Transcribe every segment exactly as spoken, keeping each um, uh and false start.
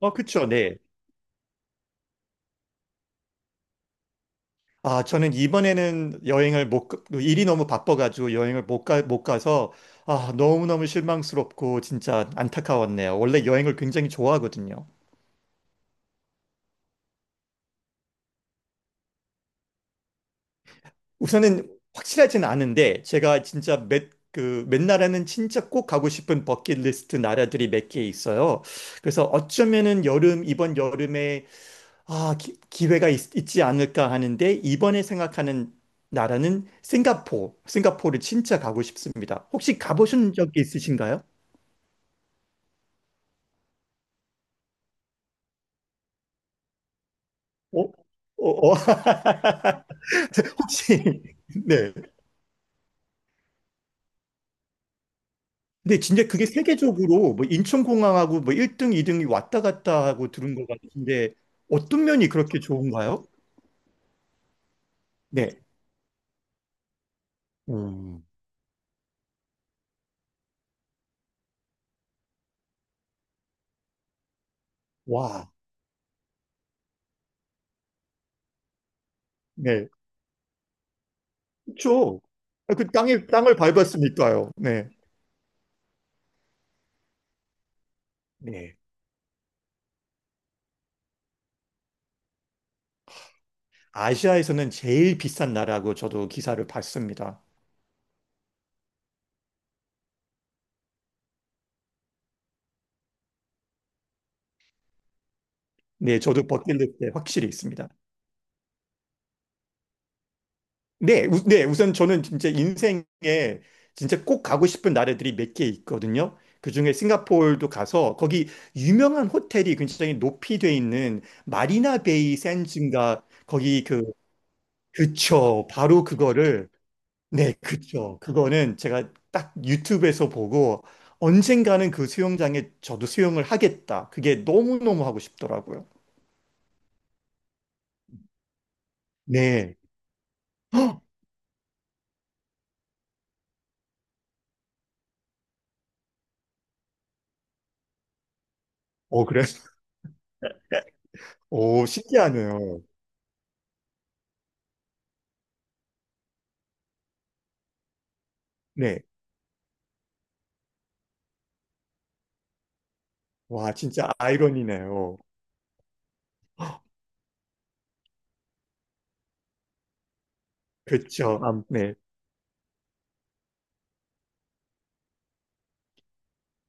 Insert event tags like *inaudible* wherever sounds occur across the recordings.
어, 그쵸, 네. 아, 저는 이번에는 여행을 못, 가- 일이 너무 바빠가지고 여행을 못 가, 못 가서, 아, 너무너무 실망스럽고 진짜 안타까웠네요. 원래 여행을 굉장히 좋아하거든요. 우선은 확실하진 않은데, 제가 진짜 몇, 그, 몇 나라는 진짜 꼭 가고 싶은 버킷리스트 나라들이 몇 개 있어요. 그래서 어쩌면은 여름, 이번 여름에 아, 기, 기회가 있, 있지 않을까 하는데 이번에 생각하는 나라는 싱가포르. 싱가포르 진짜 가고 싶습니다. 혹시 가보신 적이 있으신가요? 어? 어, 어. *laughs* 혹시 *laughs* 네. 근데 진짜 그게 세계적으로 뭐 인천공항하고 뭐 일 등, 이 등이 왔다 갔다 하고 들은 것 같은데 어떤 면이 그렇게 좋은가요? 네. 음. 와. 네. 그렇죠. 아, 그 땅에 땅을 밟았으니까요. 네. 네. 아시아에서는 제일 비싼 나라고 저도 기사를 봤습니다. 네, 저도 버킷리스트에 확실히 있습니다. 네, 우, 네, 우선 저는 진짜 인생에 진짜 꼭 가고 싶은 나라들이 몇 개 있거든요. 그중에 싱가포르도 가서 거기 유명한 호텔이 굉장히 높이 돼 있는 마리나 베이 샌즈인가 거기, 그, 그쵸, 바로 그거를. 네, 그쵸. 그거는 제가 딱 유튜브에서 보고 언젠가는 그 수영장에 저도 수영을 하겠다. 그게 너무너무 하고 싶더라고요. 네. *gasps* 헉! 어, 그래? 오, 신기하네요. 네. 와, 진짜 아이러니네요. 그쵸. 아, 네.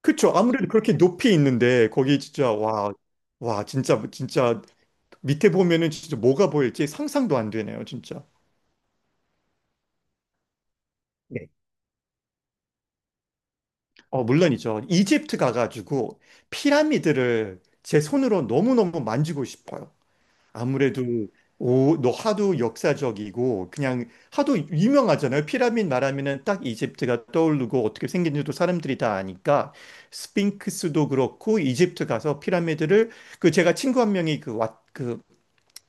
그쵸. 아무래도 그렇게 높이 있는데, 거기 진짜, 와, 와, 진짜, 진짜, 밑에 보면은 진짜 뭐가 보일지 상상도 안 되네요, 진짜. 네. 어, 물론이죠. 이집트 가가지고 피라미드를 제 손으로 너무너무 만지고 싶어요. 아무래도 오, 너 하도 역사적이고 그냥 하도 유명하잖아요. 피라미드 말하면은 딱 이집트가 떠오르고 어떻게 생긴지도 사람들이 다 아니까 스핑크스도 그렇고 이집트 가서 피라미드를. 그 제가 친구 한 명이 그왔그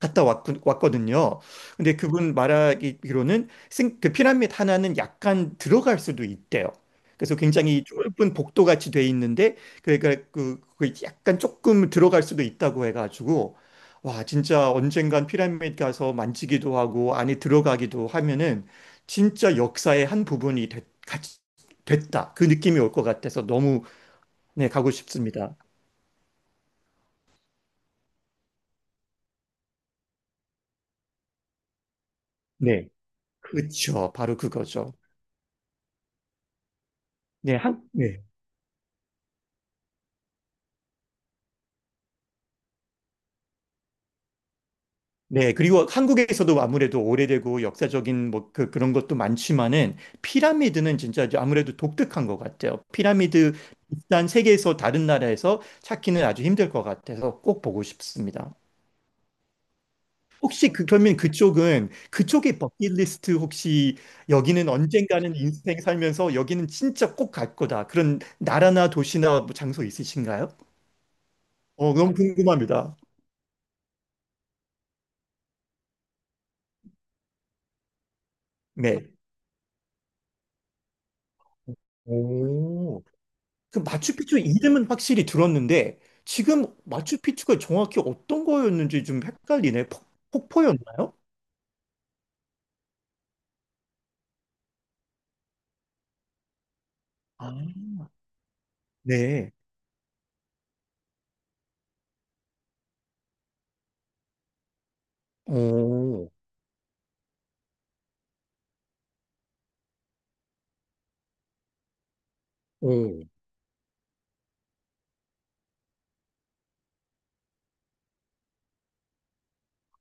갔다 왔 왔거든요. 근데 그분 말하기로는 생- 그 피라미드 하나는 약간 들어갈 수도 있대요. 그래서 굉장히 좁은 복도 같이 돼 있는데 그러니까 그, 그 약간 조금 들어갈 수도 있다고 해가지고 와 진짜 언젠간 피라미드 가서 만지기도 하고 안에 들어가기도 하면은 진짜 역사의 한 부분이 됐, 같이 됐다 그 느낌이 올 것 같아서 너무. 네 가고 싶습니다. 네, 그렇죠. 바로 그거죠. 네, 한, 네. 네, 그리고 한국에서도 아무래도 오래되고 역사적인 뭐 그, 그런 것도 많지만은 피라미드는 진짜 이제 아무래도 독특한 것 같아요. 피라미드 일단 세계에서 다른 나라에서 찾기는 아주 힘들 것 같아서 꼭 보고 싶습니다. 혹시 그, 그러면 그쪽은 그쪽의 버킷리스트 혹시 여기는 언젠가는 인생 살면서 여기는 진짜 꼭 갈 거다. 그런 나라나 도시나 뭐 장소 있으신가요? 어, 너무 궁금합니다. 네. 오. 그 마추픽추 이름은 확실히 들었는데 지금 마추픽추가 정확히 어떤 거였는지 좀 헷갈리네. 폭, 폭포였나요? 아, 네. 오, 오,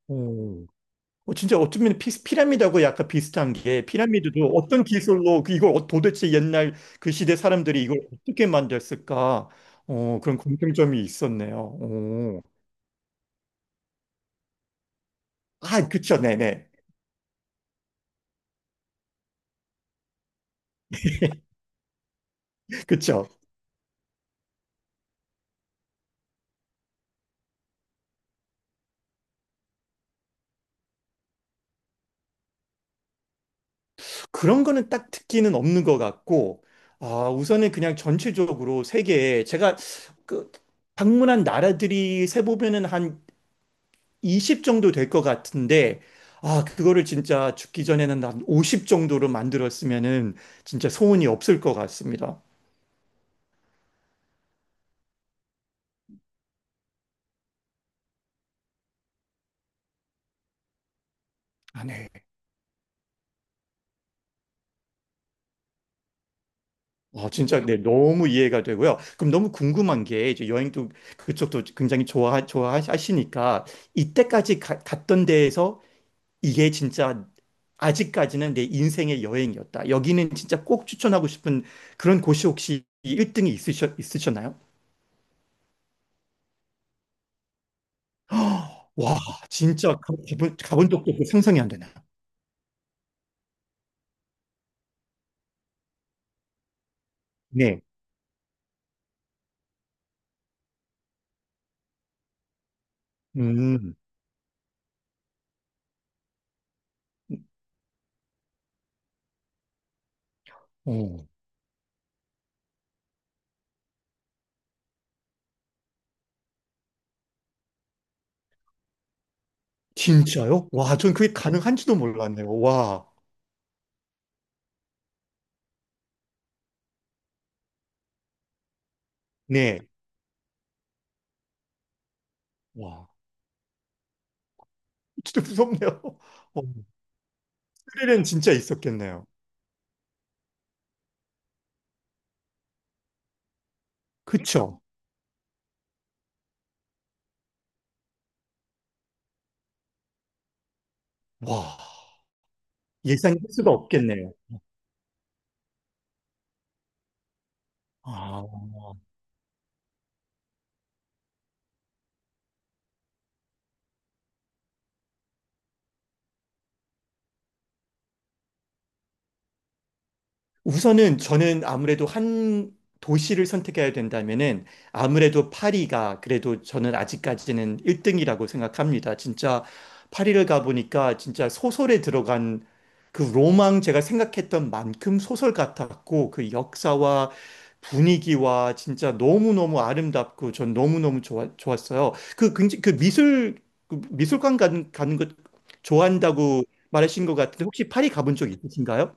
오. 어, 진짜 어쩌면 피, 피라미드하고 약간 비슷한 게 피라미드도 어떤 기술로 그 이걸 어- 도대체 옛날 그 시대 사람들이 이걸 어떻게 만들었을까? 어, 그런 공통점이 있었네요. 오. 아, 그쵸, 네네. *laughs* 그쵸. 그런 거는 딱 특기는 없는 것 같고, 아, 우선은 그냥 전체적으로 세계에 제가 그 방문한 나라들이 세보면은 한 이십 정도 될 것 같은데, 아, 그거를 진짜 죽기 전에는 한 오십 정도로 만들었으면은 진짜 소원이 없을 것 같습니다. 아, 네. 아, 진짜, 네, 너무 이해가 되고요. 그럼 너무 궁금한 게, 이제 여행도 그쪽도 굉장히 좋아, 좋아하시니까, 이때까지 가- 갔던 데에서 이게 진짜 아직까지는 내 인생의 여행이었다. 여기는 진짜 꼭 추천하고 싶은 그런 곳이 혹시 일 등이 있으셔, 있으셨나요? 와, 진짜 가- 가본, 가본 적도 없고 상상이 안 되네요. 네. 음, 어. 진짜요? 와, 전 그게 가능한지도 몰랐네요. 와, 네. 와, 진짜 무섭네요. *laughs* 어, 스릴은 진짜 있었겠네요. 그쵸? 와, 예상할 수가 없겠네요. 아. 우선은 저는 아무래도 한 도시를 선택해야 된다면은 아무래도 파리가 그래도 저는 아직까지는 일 등이라고 생각합니다. 진짜 파리를 가보니까 진짜 소설에 들어간 그 로망 제가 생각했던 만큼 소설 같았고 그 역사와 분위기와 진짜 너무너무 아름답고 전 너무너무 좋아, 좋았어요. 그, 굉장히- 그 미술, 그 미술관 가는, 가는 것 좋아한다고 말하신 것 같은데 혹시 파리 가본 적 있으신가요?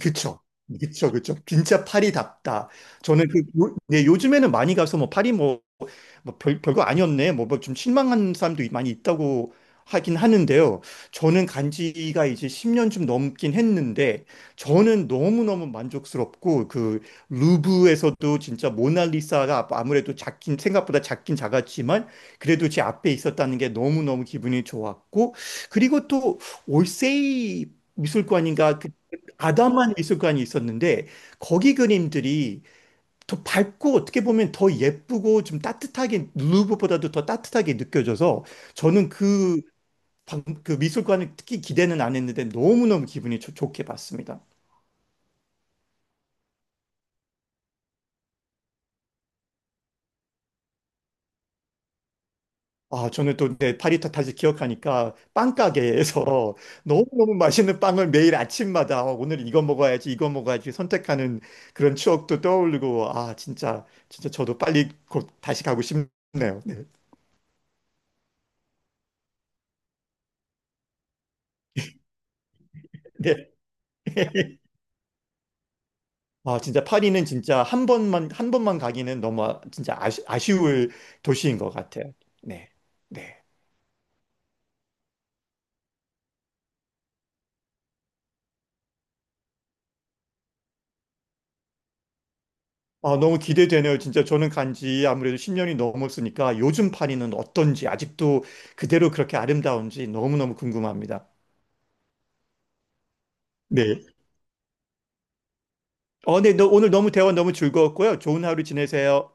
그쵸. 그쵸, 그쵸. 진짜 파리답다. 저는 그, 요, 네, 요즘에는 많이 가서 뭐 파리 뭐 뭐 별, 별거 아니었네. 뭐 뭐 좀 실망한 사람도 많이 있다고 하긴 하는데요. 저는 간 지가 이제 십 년 좀 넘긴 했는데 저는 너무너무 만족스럽고 그 루브에서도 진짜 모나리사가 아무래도 작긴 생각보다 작긴 작았지만 그래도 제 앞에 있었다는 게 너무너무 기분이 좋았고 그리고 또 올세이 미술관인가 그 아담한 미술관이 있었는데 거기 그림들이 더 밝고 어떻게 보면 더 예쁘고 좀 따뜻하게 루브보다도 더 따뜻하게 느껴져서 저는 그, 방- 그 미술관을 특히 기대는 안 했는데 너무너무 기분이 좋- 좋게 봤습니다. 아, 저는 또 내 파리타 다시 기억하니까 빵가게에서 *laughs* 너무너무 맛있는 빵을 매일 아침마다 어, 오늘 이거 먹어야지 이거 먹어야지 선택하는 그런 추억도 떠오르고 아 진짜 진짜 저도 빨리 곧 다시 가고 싶네요. 네. 네. 아, 진짜 파리는 진짜 한 번만, 한 번만 가기는 너무 아- 진짜 아쉬, 아쉬울 도시인 것 같아요. 네. 네. 아, 너무 기대되네요. 진짜 저는 간지 아무래도 십 년이 넘었으니까 요즘 파리는 어떤지 아직도 그대로 그렇게 아름다운지 너무너무 궁금합니다. 네. 어, 네. 너, 오늘 너무 대화 너무 즐거웠고요. 좋은 하루 지내세요.